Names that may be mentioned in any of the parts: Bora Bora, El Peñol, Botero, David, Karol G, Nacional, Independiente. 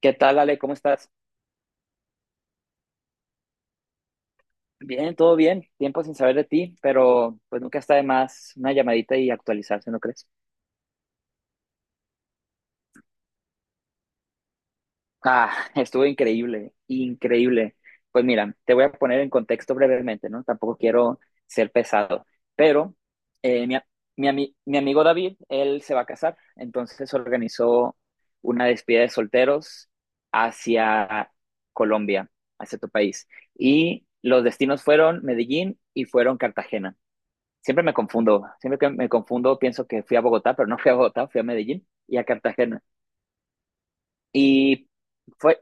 ¿Qué tal, Ale? ¿Cómo estás? Bien, todo bien. Tiempo sin saber de ti, pero pues nunca está de más una llamadita y actualizarse, ¿no crees? Ah, estuvo increíble, increíble. Pues mira, te voy a poner en contexto brevemente, ¿no? Tampoco quiero ser pesado, pero eh, mi, a- mi amigo David, él se va a casar, entonces organizó una despedida de solteros hacia Colombia, hacia tu país. Y los destinos fueron Medellín y fueron Cartagena. Siempre me confundo, siempre que me confundo pienso que fui a Bogotá, pero no fui a Bogotá, fui a Medellín y a Cartagena. Y fue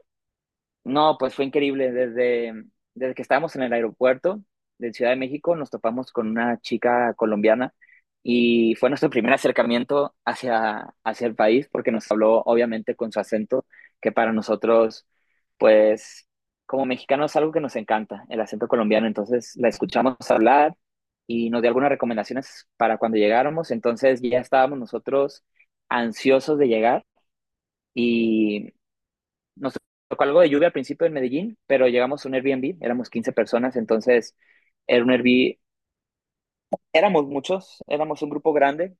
No, pues fue increíble. Desde que estábamos en el aeropuerto de Ciudad de México, nos topamos con una chica colombiana y fue nuestro primer acercamiento hacia el país porque nos habló obviamente con su acento, que para nosotros, pues como mexicanos es algo que nos encanta, el acento colombiano. Entonces la escuchamos hablar y nos dio algunas recomendaciones para cuando llegáramos. Entonces ya estábamos nosotros ansiosos de llegar. Y nos tocó algo de lluvia al principio en Medellín, pero llegamos a un Airbnb, éramos 15 personas, entonces era un Airbnb, éramos muchos, éramos un grupo grande,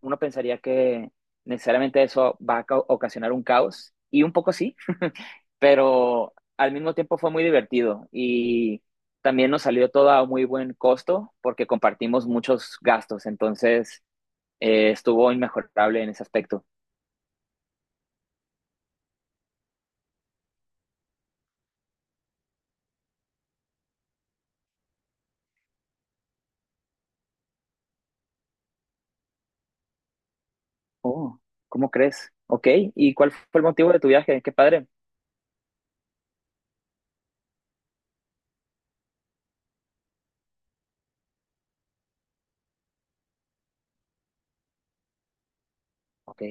uno pensaría que necesariamente eso va a ocasionar un caos, y un poco sí, pero al mismo tiempo fue muy divertido y también nos salió todo a muy buen costo porque compartimos muchos gastos, entonces estuvo inmejorable en ese aspecto. Oh, ¿cómo crees? Ok, ¿y cuál fue el motivo de tu viaje? Qué padre. Ok.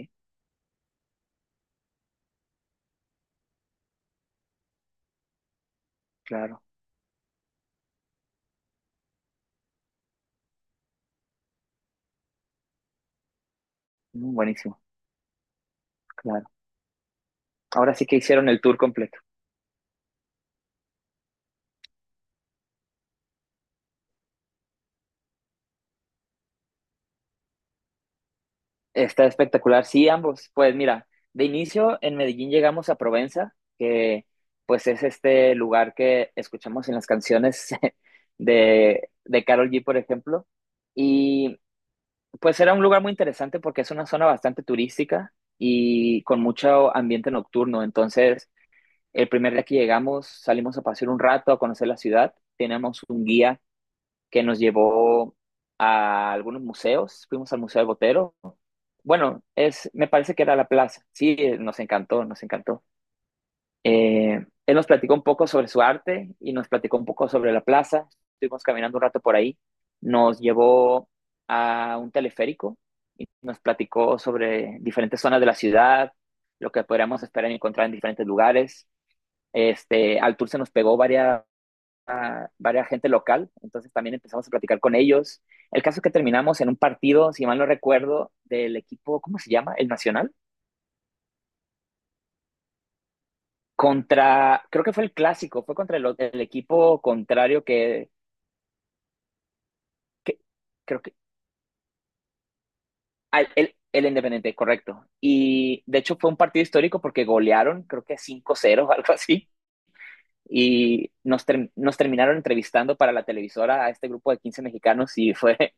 Claro. Mm, buenísimo, claro. Ahora sí que hicieron el tour completo. Está espectacular, sí, ambos. Pues mira, de inicio en Medellín llegamos a Provenza, que pues es este lugar que escuchamos en las canciones de Karol G, por ejemplo. Y pues era un lugar muy interesante porque es una zona bastante turística y con mucho ambiente nocturno. Entonces, el primer día que llegamos, salimos a pasear un rato, a conocer la ciudad. Teníamos un guía que nos llevó a algunos museos, fuimos al Museo del Botero. Bueno, es, me parece que era la plaza. Sí, nos encantó, nos encantó. Él nos platicó un poco sobre su arte y nos platicó un poco sobre la plaza. Estuvimos caminando un rato por ahí. Nos llevó a un teleférico y nos platicó sobre diferentes zonas de la ciudad, lo que podríamos esperar encontrar en diferentes lugares. Este, al tour se nos pegó varias gente local, entonces también empezamos a platicar con ellos. El caso es que terminamos en un partido, si mal no recuerdo, del equipo, ¿cómo se llama? El Nacional, contra, creo que fue el clásico, fue contra el equipo contrario que creo que, el Independiente, correcto. Y de hecho fue un partido histórico porque golearon, creo que cinco 0 o algo así. Y nos terminaron entrevistando para la televisora a este grupo de 15 mexicanos. Y fue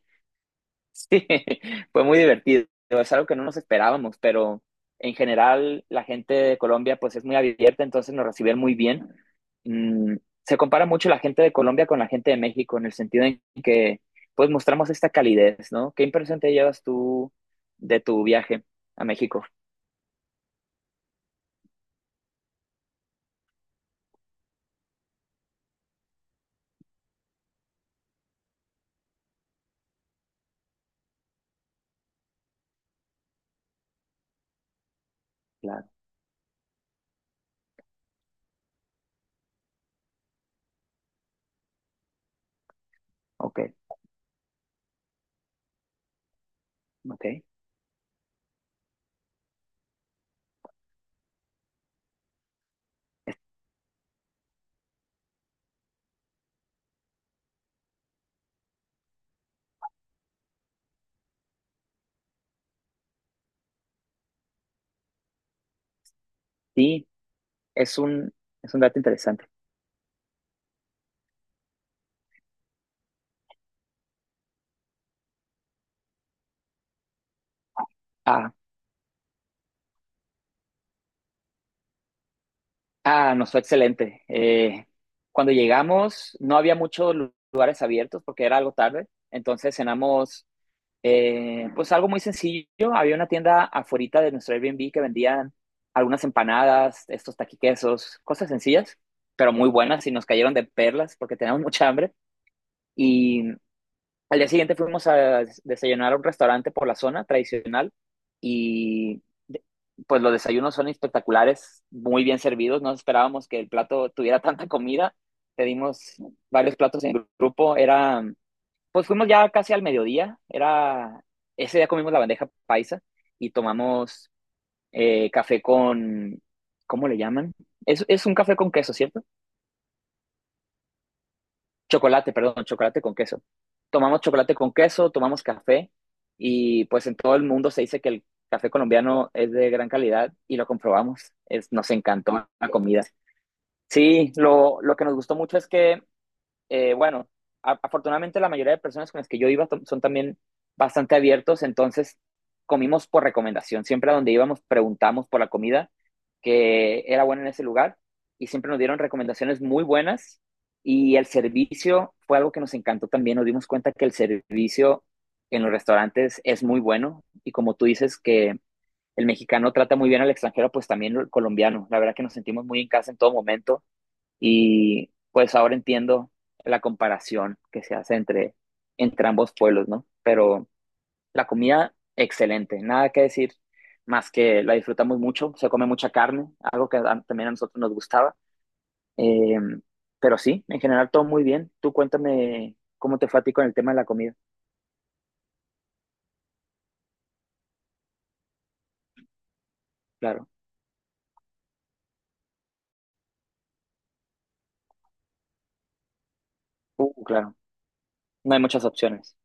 Sí, fue muy divertido. Es algo que no nos esperábamos, pero en general la gente de Colombia pues es muy abierta, entonces nos recibieron muy bien. Mm, Se compara mucho la gente de Colombia con la gente de México en el sentido en que pues mostramos esta calidez, ¿no? ¿Qué impresión te llevas tú de tu viaje a México? Claro, ok, ok. Sí, es un, es un dato interesante. Ah, Ah, nos fue excelente. Cuando llegamos no había muchos lugares abiertos porque era algo tarde, entonces cenamos pues algo muy sencillo. Había una tienda afuera de nuestro Airbnb que vendían algunas empanadas, estos taquiquesos, cosas sencillas, pero muy buenas y nos cayeron de perlas porque teníamos mucha hambre. Al día siguiente fuimos a desayunar a un restaurante por la zona tradicional y pues los desayunos son espectaculares, muy bien servidos. No esperábamos que el plato tuviera tanta comida. Pedimos varios platos en grupo. Pues fuimos ya casi al mediodía. Ese día comimos la bandeja paisa y tomamos café con, ¿cómo le llaman? Es un café con queso, ¿cierto? Chocolate, perdón, chocolate con queso. Tomamos chocolate con queso, tomamos café y pues en todo el mundo se dice que el café colombiano es de gran calidad y lo comprobamos. Nos encantó la comida. Sí, lo que nos gustó mucho es que bueno, afortunadamente la mayoría de personas con las que yo iba son también bastante abiertos, entonces comimos por recomendación. Siempre a donde íbamos preguntamos por la comida que era buena en ese lugar y siempre nos dieron recomendaciones muy buenas y el servicio fue algo que nos encantó también. Nos dimos cuenta que el servicio en los restaurantes es muy bueno y como tú dices que el mexicano trata muy bien al extranjero, pues también el colombiano. La verdad que nos sentimos muy en casa en todo momento y pues ahora entiendo la comparación que se hace entre ambos pueblos, ¿no? Pero la comida, excelente, nada que decir más que la disfrutamos mucho, se come mucha carne, algo que también a nosotros nos gustaba. Eh, pero sí, en general todo muy bien. Tú cuéntame cómo te fue a ti con el tema de la comida. Claro, claro, no hay muchas opciones.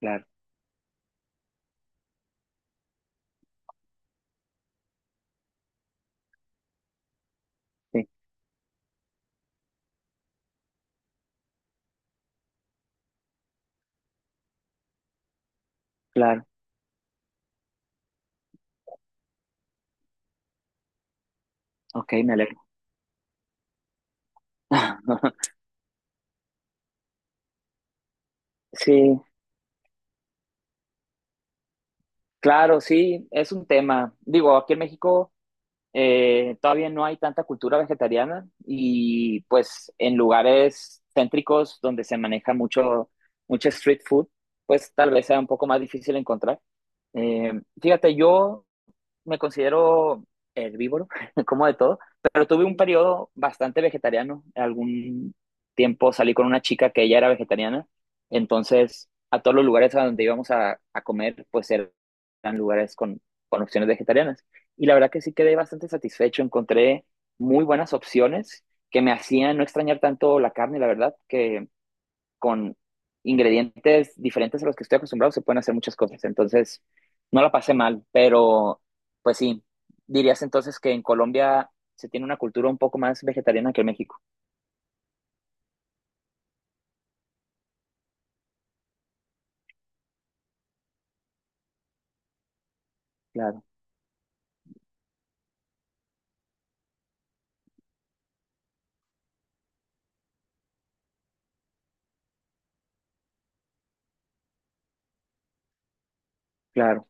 Claro, sí, claro, ok, me alegro. Sí, claro, sí, es un tema. Digo, aquí en México. Todavía no hay tanta cultura vegetariana y pues en lugares céntricos donde se maneja mucho street food, pues tal vez sea un poco más difícil encontrar. Eh, Fíjate, yo me considero herbívoro, como de todo, pero tuve un periodo bastante vegetariano. Algún tiempo salí con una chica que ella era vegetariana, entonces a todos los lugares a donde íbamos a comer, pues eran lugares con opciones vegetarianas. Y la verdad que sí quedé bastante satisfecho, encontré muy buenas opciones que me hacían no extrañar tanto la carne, la verdad, que con ingredientes diferentes a los que estoy acostumbrado, se pueden hacer muchas cosas. Entonces, no la pasé mal, pero pues sí, dirías entonces que en Colombia se tiene una cultura un poco más vegetariana que en México. Claro, claro,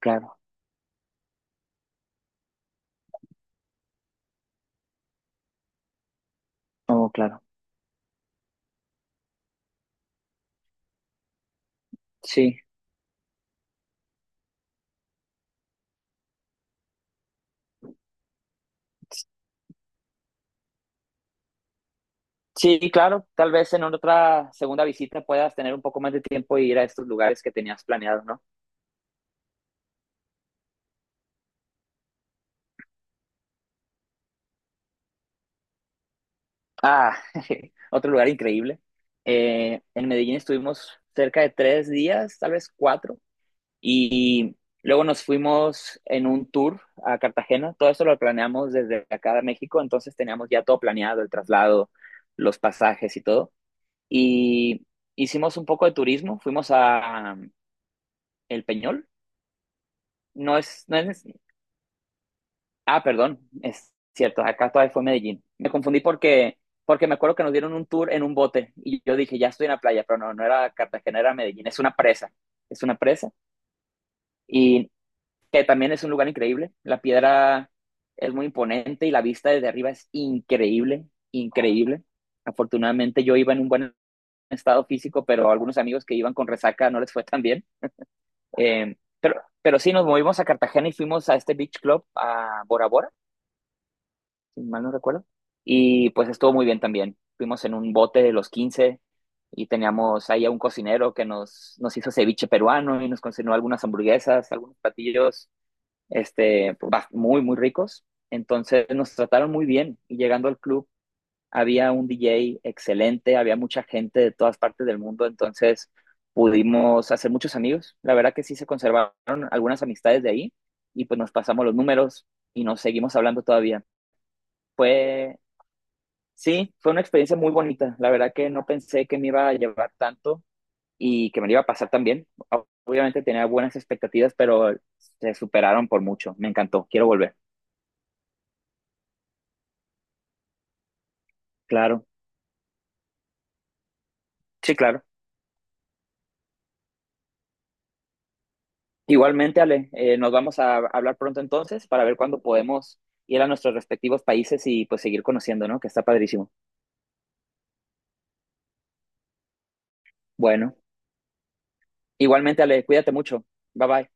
claro. Oh, claro. Sí. Sí, claro, tal vez en otra segunda visita puedas tener un poco más de tiempo y ir a estos lugares que tenías planeado, ¿no? Ah, otro lugar increíble. En Medellín estuvimos cerca de 3 días, tal vez 4, y luego nos fuimos en un tour a Cartagena. Todo eso lo planeamos desde acá de México, entonces teníamos ya todo planeado, el traslado, los pasajes y todo. Y hicimos un poco de turismo, fuimos a El Peñol. No es, no es, ah, perdón, es cierto, acá todavía fue Medellín. Me confundí porque, porque me acuerdo que nos dieron un tour en un bote y yo dije, ya estoy en la playa, pero no, no era Cartagena, era Medellín, es una presa, es una presa. Y que también es un lugar increíble. La piedra es muy imponente y la vista desde arriba es increíble, increíble. Afortunadamente yo iba en un buen estado físico, pero algunos amigos que iban con resaca no les fue tan bien. Pero sí, nos movimos a Cartagena y fuimos a este beach club, a Bora Bora, si mal no recuerdo. Y pues estuvo muy bien también. Fuimos en un bote de los 15 y teníamos ahí a un cocinero que nos hizo ceviche peruano y nos cocinó algunas hamburguesas, algunos platillos este, muy, muy ricos. Entonces nos trataron muy bien y llegando al club había un DJ excelente, había mucha gente de todas partes del mundo, entonces pudimos hacer muchos amigos. La verdad que sí se conservaron algunas amistades de ahí y pues nos pasamos los números y nos seguimos hablando todavía. Fue, sí, fue una experiencia muy bonita. La verdad que no pensé que me iba a llevar tanto y que me lo iba a pasar tan bien. Obviamente tenía buenas expectativas, pero se superaron por mucho. Me encantó, quiero volver. Claro. Sí, claro. Igualmente, Ale, nos vamos a hablar pronto entonces para ver cuándo podemos ir a nuestros respectivos países y pues seguir conociendo, ¿no? Que está padrísimo. Bueno, igualmente, Ale, cuídate mucho. Bye bye.